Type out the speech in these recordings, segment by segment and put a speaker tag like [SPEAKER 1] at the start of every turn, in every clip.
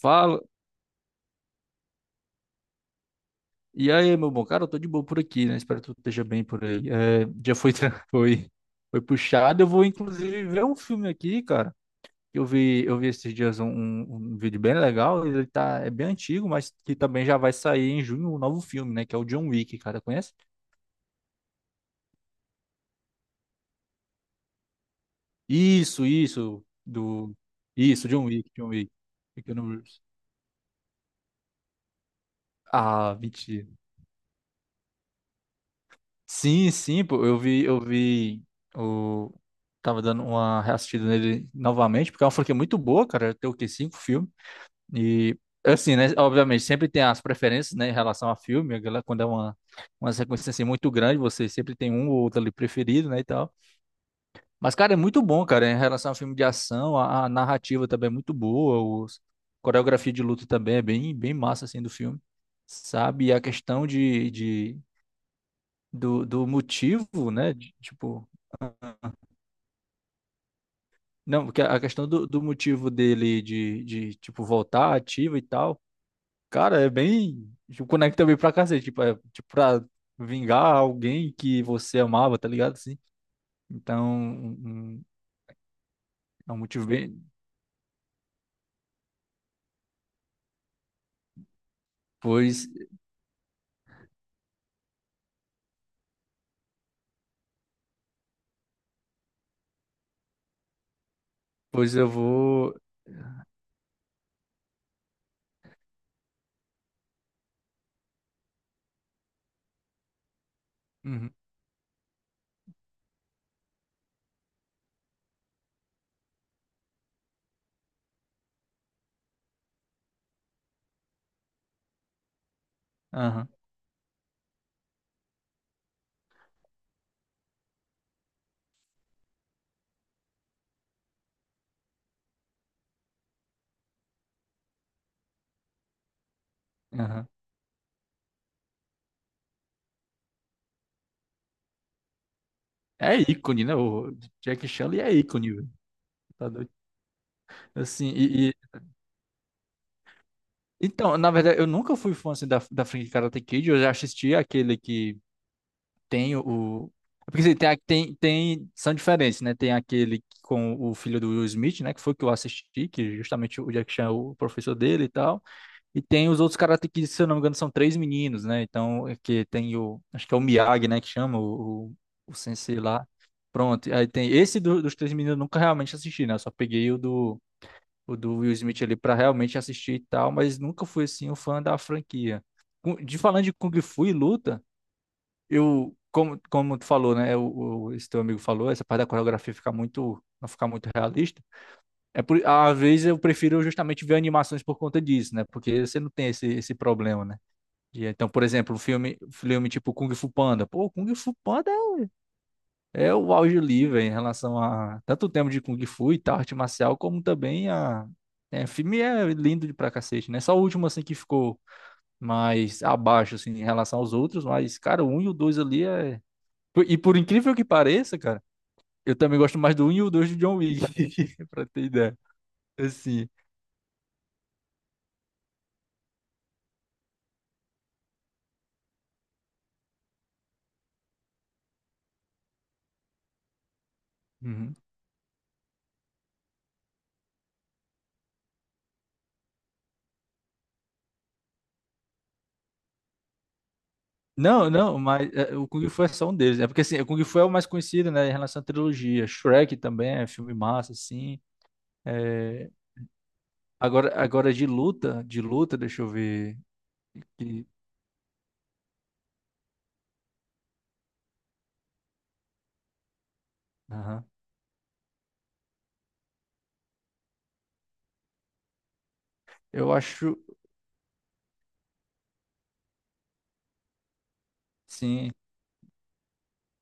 [SPEAKER 1] Fala. E aí, meu bom? Cara, eu tô de boa por aqui, né? Espero que tu esteja bem por aí. É, já foi, tra- foi, foi puxado. Eu vou, inclusive, ver um filme aqui, cara. Eu vi esses dias um vídeo bem legal. Ele tá, é bem antigo, mas que também já vai sair em junho um novo filme, né? Que é o John Wick, cara. Conhece? Isso. Do... Isso, John Wick. Keanu Reeves. Ah, mentira. Sim, pô, eu vi o tava dando uma reassistida nele novamente, porque é uma franquia muito boa, cara, tem o quê? Cinco filmes. E assim, né, obviamente, sempre tem as preferências, né, em relação a filme, a galera, quando é uma sequência assim muito grande, você sempre tem um ou outro ali preferido, né, e tal. Mas cara, é muito bom, cara, em relação a filme de ação, a narrativa também é muito boa, os coreografia de luta também é bem massa assim do filme. Sabe? E a questão do motivo, né? Tipo, não, porque a questão do motivo dele de tipo, voltar ativo e tal, cara, é bem. Tipo, conecta bem pra cacete, tipo, é, tipo, pra vingar alguém que você amava, tá ligado? Assim. Então, um- é um motivo bem. Pois, pois eu vou. Uhum, aham, aham. É ícone, né? O Jack Chan é ícone, velho. Tá doido. Assim, então, na verdade, eu nunca fui fã assim, da franquia Karate Kid. Eu já assisti aquele que tem o. É porque assim, tem, tem. São diferentes, né? Tem aquele com o filho do Will Smith, né? Que foi o que eu assisti, que justamente o Jack Chan é o professor dele e tal. E tem os outros caras que, se eu não me engano, são três meninos, né? Então, é que tem o. Acho que é o Miyagi, né? Que chama o sensei lá. Pronto. Aí tem esse dos três meninos, eu nunca realmente assisti, né? Eu só peguei o do Will Smith ali pra realmente assistir e tal, mas nunca fui assim um fã da franquia. De falando de Kung Fu e luta eu, como tu falou, né? Esse teu amigo falou, essa parte da coreografia fica muito, não ficar muito realista. É por, às vezes eu prefiro justamente ver animações por conta disso, né? Porque você não tem esse problema, né? E então, por exemplo, um filme tipo Kung Fu Panda. Pô, Kung Fu Panda é o auge livre em relação a tanto o tema de Kung Fu e tal, arte marcial, como também a. É, o filme é lindo de pra cacete, né? Só o último assim que ficou mais abaixo assim em relação aos outros, mas cara, o 1 e o 2 ali é e por incrível que pareça, cara, eu também gosto mais do um e o 2 de John Wick, pra ter ideia. Assim. Uhum. Não, não, mas é, o Kung Fu é só um deles. É porque assim, o Kung Fu é o mais conhecido, né, em relação à trilogia. Shrek também é filme massa, assim. É, agora de luta, deixa eu ver. Que- aham. Eu acho, sim.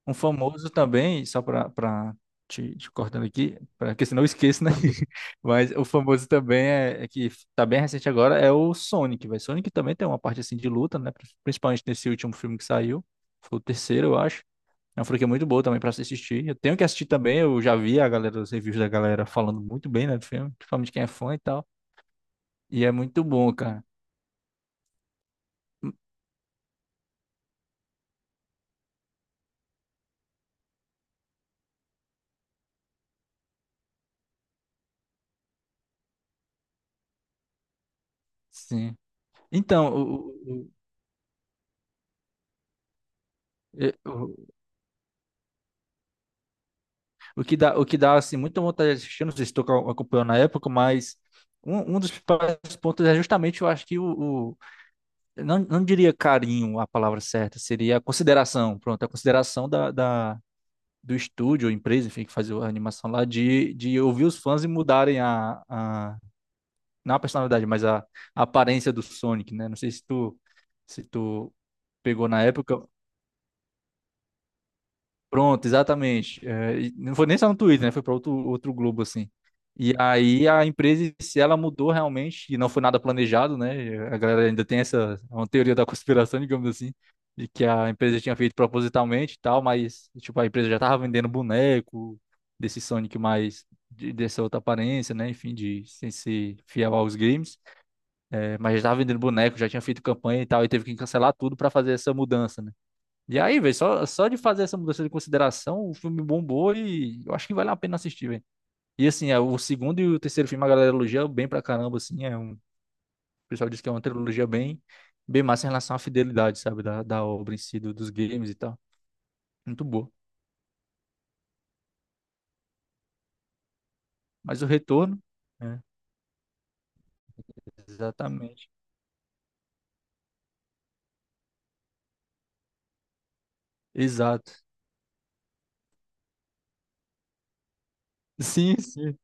[SPEAKER 1] Um famoso também, só para te cortando aqui, para que senão eu esqueço, né? Mas o famoso também é, é que tá bem recente agora, é o Sonic, velho. Sonic também tem uma parte assim de luta, né? Principalmente nesse último filme que saiu. Foi o terceiro, eu acho. É uma franquia muito boa também para se assistir. Eu tenho que assistir também, eu já vi a galera, os reviews da galera falando muito bem, né, do filme, principalmente quem é fã e tal. E é muito bom, cara. Sim. Então, o, o, o- o que dá, o que dá assim, muita vontade de assistir, não sei se tu acompanhou na época, mas um dos principais pontos é justamente, eu acho que o- eu não, não diria carinho a palavra certa, seria a consideração, pronto, a consideração do estúdio, ou empresa, enfim, que faz a animação lá, de ouvir os fãs e mudarem não a personalidade, mas a aparência do Sonic, né? Não sei se tu, se tu pegou na época. Pronto, exatamente. É, e não foi nem só no Twitter, né? Foi para outro, outro Globo, assim. E aí a empresa, se ela mudou realmente, e não foi nada planejado, né? A galera ainda tem essa uma teoria da conspiração, digamos assim, de que a empresa tinha feito propositalmente e tal, mas, tipo, a empresa já tava vendendo boneco desse Sonic mais, dessa outra aparência, né? Enfim, de sem ser fiel aos games. É, mas já tava vendendo boneco, já tinha feito campanha e tal, e teve que cancelar tudo para fazer essa mudança, né? E aí, velho, só de fazer essa mudança de consideração, o filme bombou e eu acho que vale a pena assistir, velho. E assim, é, o segundo e o terceiro filme a galera elogia bem pra caramba, assim, é um, o pessoal diz que é uma trilogia bem, bem massa em relação à fidelidade, sabe, da, da obra em si, dos games e tal. Muito boa. Mas o retorno, né? Exatamente. Exato. Sim, sim.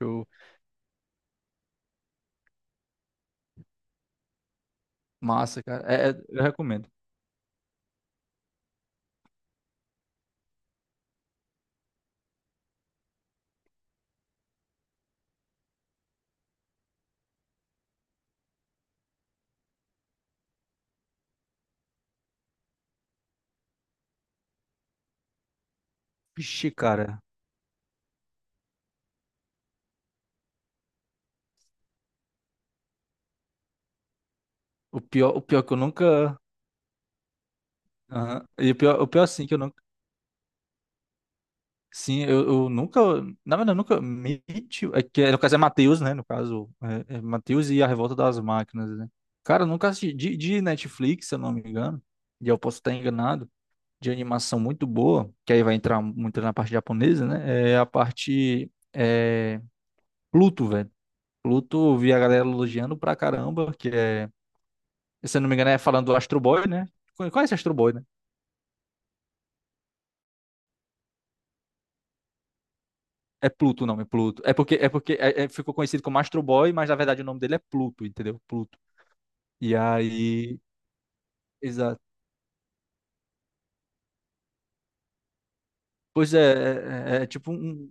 [SPEAKER 1] Show. Massa, cara. É, é, eu recomendo. Vixe, cara. O pior que eu nunca. Aham. E o pior, assim, que eu nunca sim, eu nunca, na verdade, eu nunca me, é que no caso é Matheus, né? No caso, é, é Matheus e a Revolta das Máquinas, né? Cara, eu nunca assisti, de Netflix, se eu não me engano, e eu posso estar enganado, de animação muito boa, que aí vai entrar muito na parte japonesa, né? É a parte, é, Pluto, velho. Pluto, eu vi a galera elogiando pra caramba, que é, se eu não me engano, é falando do Astro Boy, né? Conhece Astro Boy, né? É Pluto o nome, Pluto. É porque ficou conhecido como Astro Boy, mas na verdade o nome dele é Pluto, entendeu? Pluto. E aí. Exato. Pois é, é, é tipo um.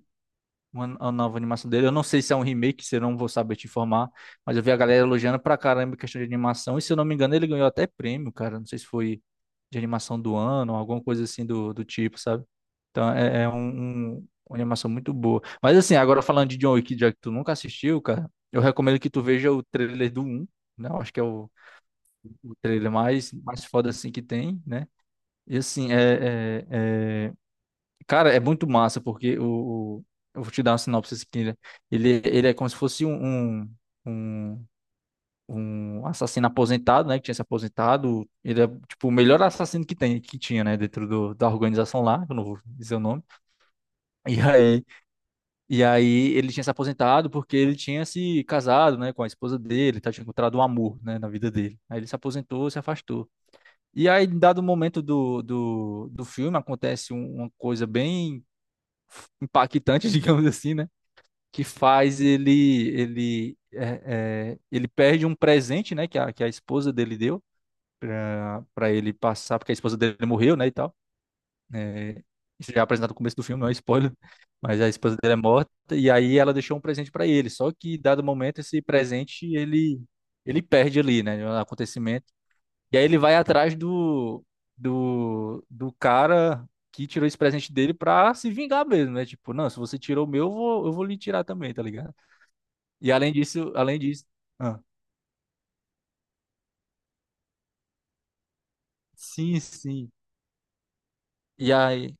[SPEAKER 1] Uma nova animação dele. Eu não sei se é um remake, se eu não vou saber te informar, mas eu vi a galera elogiando pra caramba a questão de animação, e se eu não me engano, ele ganhou até prêmio, cara. Não sei se foi de animação do ano, alguma coisa assim do tipo, sabe? Então é, é um, uma animação muito boa. Mas assim, agora falando de John Wick, já que tu nunca assistiu, cara, eu recomendo que tu veja o trailer do um, né? Eu acho que é o trailer mais, mais foda assim que tem, né? E assim, cara, é muito massa, porque eu vou te dar uma sinopse aqui, né? Ele é como se fosse um, um, um assassino aposentado, né? Que tinha se aposentado. Ele é, tipo, o melhor assassino que tem, que tinha, né? Dentro do, da organização lá, que eu não vou dizer o nome. E aí, e aí ele tinha se aposentado porque ele tinha se casado, né? Com a esposa dele, tá? Tinha encontrado um amor, né? Na vida dele. Aí ele se aposentou, se afastou. E aí, em dado momento do filme, acontece uma coisa bem impactante, digamos assim, né? Que faz ele perde um presente, né? Que a esposa dele deu para ele passar, porque a esposa dele morreu, né? E tal. É, isso já é apresentado no começo do filme, não é spoiler, mas a esposa dele é morta e aí ela deixou um presente para ele. Só que dado momento esse presente ele perde ali, né? No acontecimento, e aí ele vai atrás do cara que tirou esse presente dele pra se vingar mesmo, né? Tipo, não, se você tirou o meu, eu vou lhe tirar também, tá ligado? E além disso, além disso. Ah, sim, sim. E aí.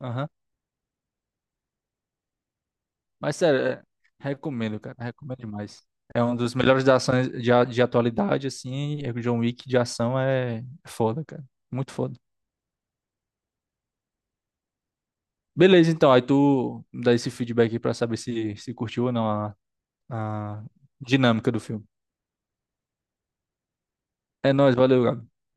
[SPEAKER 1] Aham. Mas sério, recomendo, cara. Recomendo demais. É um dos melhores de ações de atualidade, assim. É que o John Wick de ação é foda, cara. Muito foda. Beleza, então. Aí tu dá esse feedback aí pra saber se, se curtiu ou não a dinâmica do filme. É nóis, valeu, Gabi.